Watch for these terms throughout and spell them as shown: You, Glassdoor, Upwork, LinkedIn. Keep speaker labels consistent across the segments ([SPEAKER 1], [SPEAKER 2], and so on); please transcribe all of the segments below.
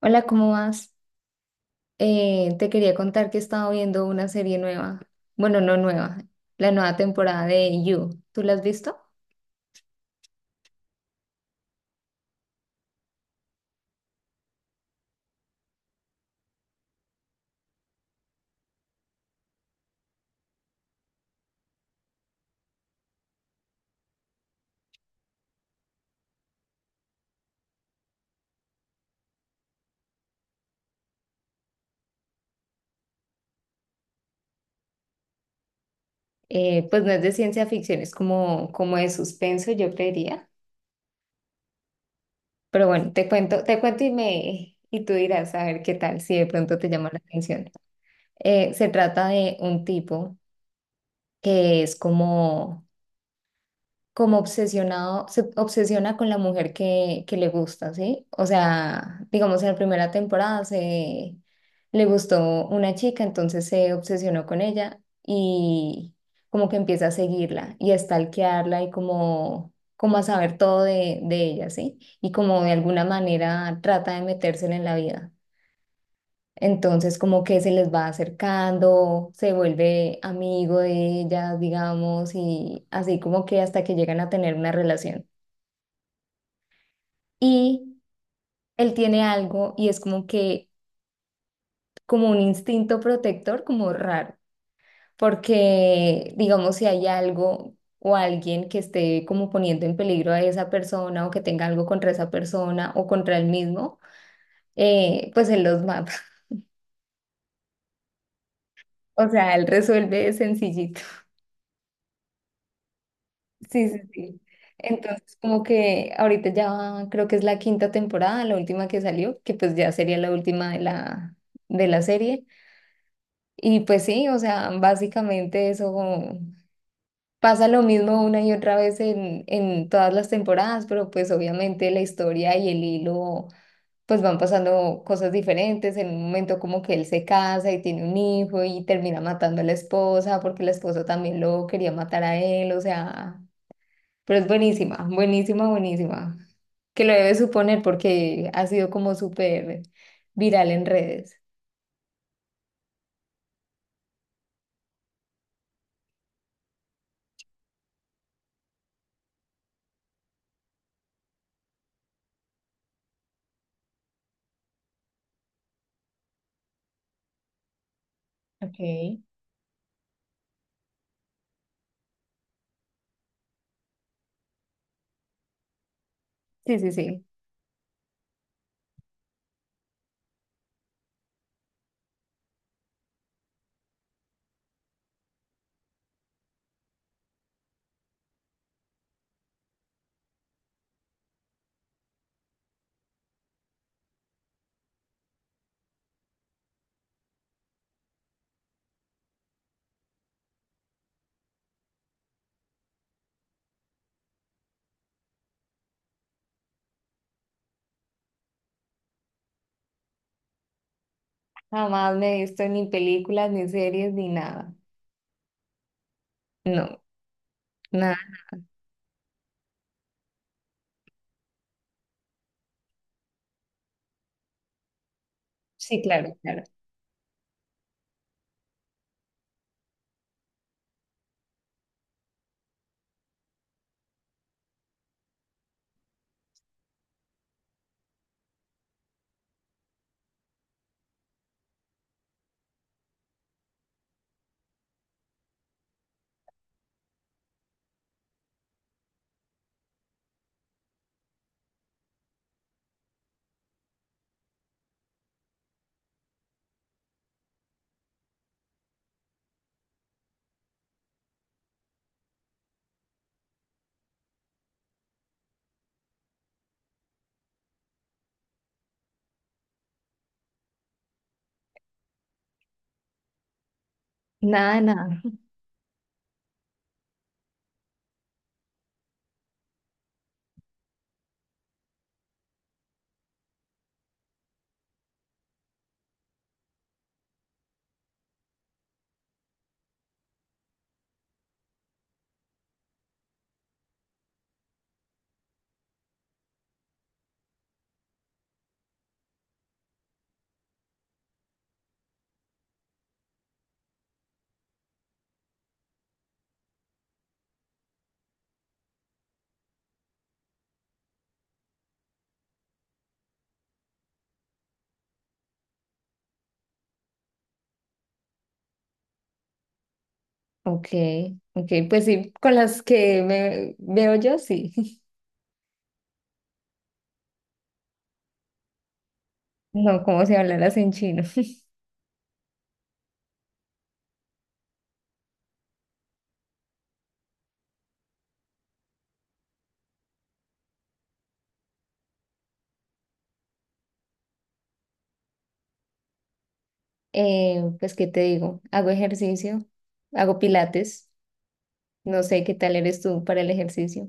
[SPEAKER 1] Hola, ¿cómo vas? Te quería contar que he estado viendo una serie nueva. Bueno, no nueva, la nueva temporada de You. ¿Tú la has visto? Pues no es de ciencia ficción, es como, como de suspenso, yo creería. Pero bueno, te cuento y me y tú dirás a ver qué tal si de pronto te llama la atención. Se trata de un tipo que es como obsesionado, se obsesiona con la mujer que le gusta, ¿sí? O sea, digamos, en la primera temporada se le gustó una chica, entonces se obsesionó con ella y como que empieza a seguirla y a stalkearla y como, como a saber todo de ella, ¿sí? Y como de alguna manera trata de metérsela en la vida. Entonces, como que se les va acercando, se vuelve amigo de ellas, digamos, y así como que hasta que llegan a tener una relación. Y él tiene algo y es como que, como un instinto protector, como raro, porque, digamos, si hay algo o alguien que esté como poniendo en peligro a esa persona o que tenga algo contra esa persona o contra él mismo, pues él los mata. O sea, él resuelve sencillito. Sí, sí, sí. Entonces, como que ahorita ya creo que es la quinta temporada, la última que salió, que pues ya sería la última de de la serie. Y pues sí, o sea, básicamente eso pasa lo mismo una y otra vez en todas las temporadas, pero pues obviamente la historia y el hilo, pues van pasando cosas diferentes. En un momento como que él se casa y tiene un hijo y termina matando a la esposa porque la esposa también lo quería matar a él, o sea... Pero es buenísima, buenísima, buenísima. Que lo debes suponer porque ha sido como súper viral en redes. Okay. Sí, sí, sí. Jamás me he visto ni películas, ni series, ni nada. No, nada. Sí, claro, claro. Nada, de nada. Ok, ok. Pues sí, con las que me veo yo, sí. No, como si hablaras en chino. Pues, ¿qué te digo? Hago ejercicio, hago pilates. No sé qué tal eres tú para el ejercicio.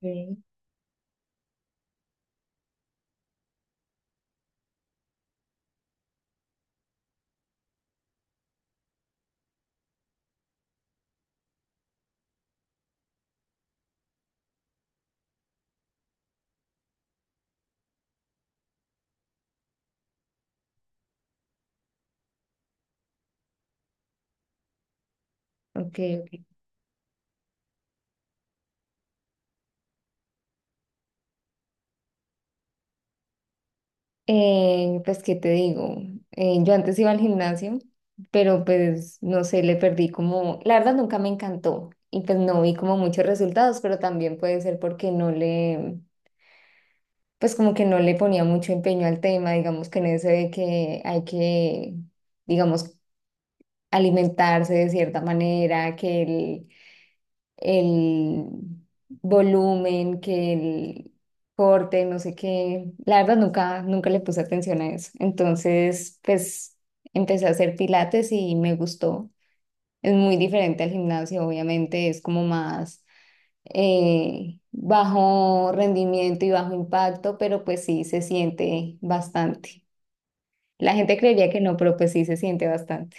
[SPEAKER 1] Ok. Ok, ok. Pues, ¿qué te digo? Yo antes iba al gimnasio, pero pues, no sé, le perdí como, la verdad nunca me encantó y pues no vi como muchos resultados, pero también puede ser porque no pues como que no le ponía mucho empeño al tema, digamos que en eso de que hay que, digamos, alimentarse de cierta manera, que el volumen, que el corte, no sé qué. La verdad nunca, nunca le puse atención a eso. Entonces, pues empecé a hacer pilates y me gustó. Es muy diferente al gimnasio, obviamente, es como más bajo rendimiento y bajo impacto, pero pues sí se siente bastante. La gente creería que no, pero pues sí se siente bastante.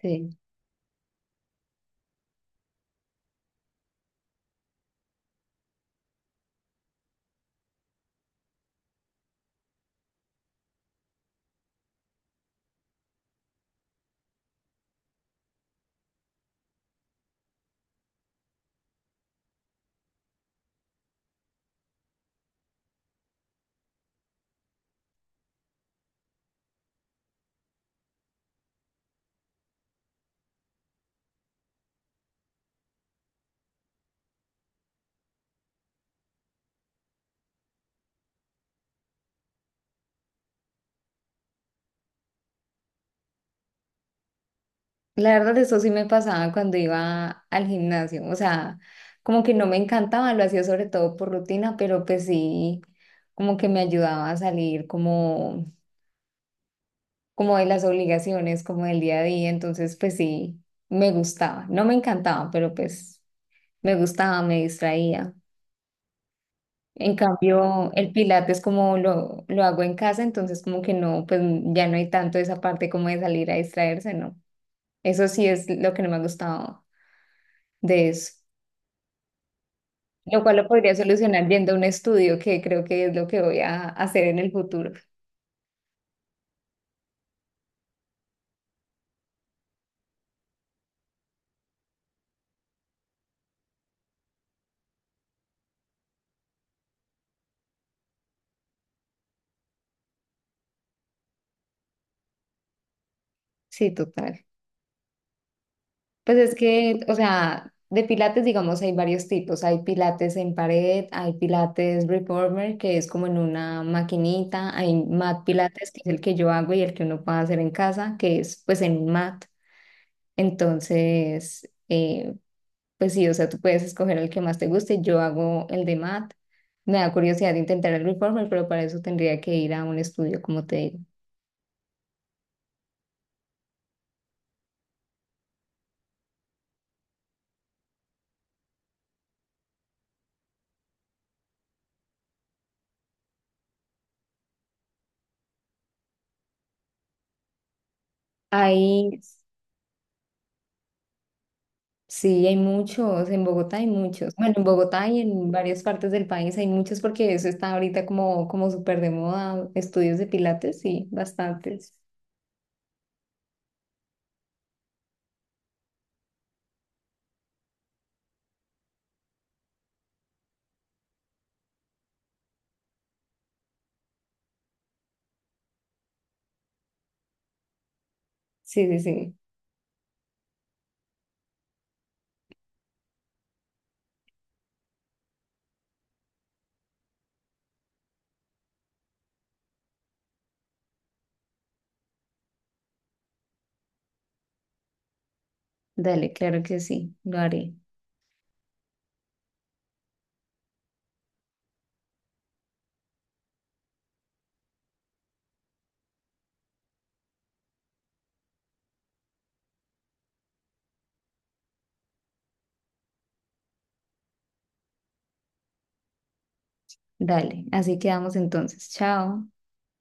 [SPEAKER 1] Sí. La verdad, eso sí me pasaba cuando iba al gimnasio, o sea, como que no me encantaba, lo hacía sobre todo por rutina, pero pues sí, como que me ayudaba a salir como, como de las obligaciones, como del día a día, entonces pues sí, me gustaba, no me encantaba, pero pues me gustaba, me distraía. En cambio, el pilates como lo hago en casa, entonces como que no, pues ya no hay tanto esa parte como de salir a distraerse, ¿no? Eso sí es lo que no me ha gustado de eso. Lo cual lo podría solucionar yendo a un estudio, que creo que es lo que voy a hacer en el futuro. Sí, total. Pues es que, o sea, de pilates, digamos, hay varios tipos. Hay pilates en pared, hay pilates reformer, que es como en una maquinita, hay mat pilates, que es el que yo hago y el que uno puede hacer en casa, que es pues en un mat. Entonces, pues sí, o sea, tú puedes escoger el que más te guste. Yo hago el de mat. Me da curiosidad intentar el reformer, pero para eso tendría que ir a un estudio, como te digo. Hay, sí, hay muchos, en Bogotá hay muchos. Bueno, en Bogotá y en varias partes del país hay muchos porque eso está ahorita como, como súper de moda, estudios de pilates, sí, bastantes. Sí, sí, sí. Dale, claro que sí, lo haré. Dale, así quedamos entonces. Chao.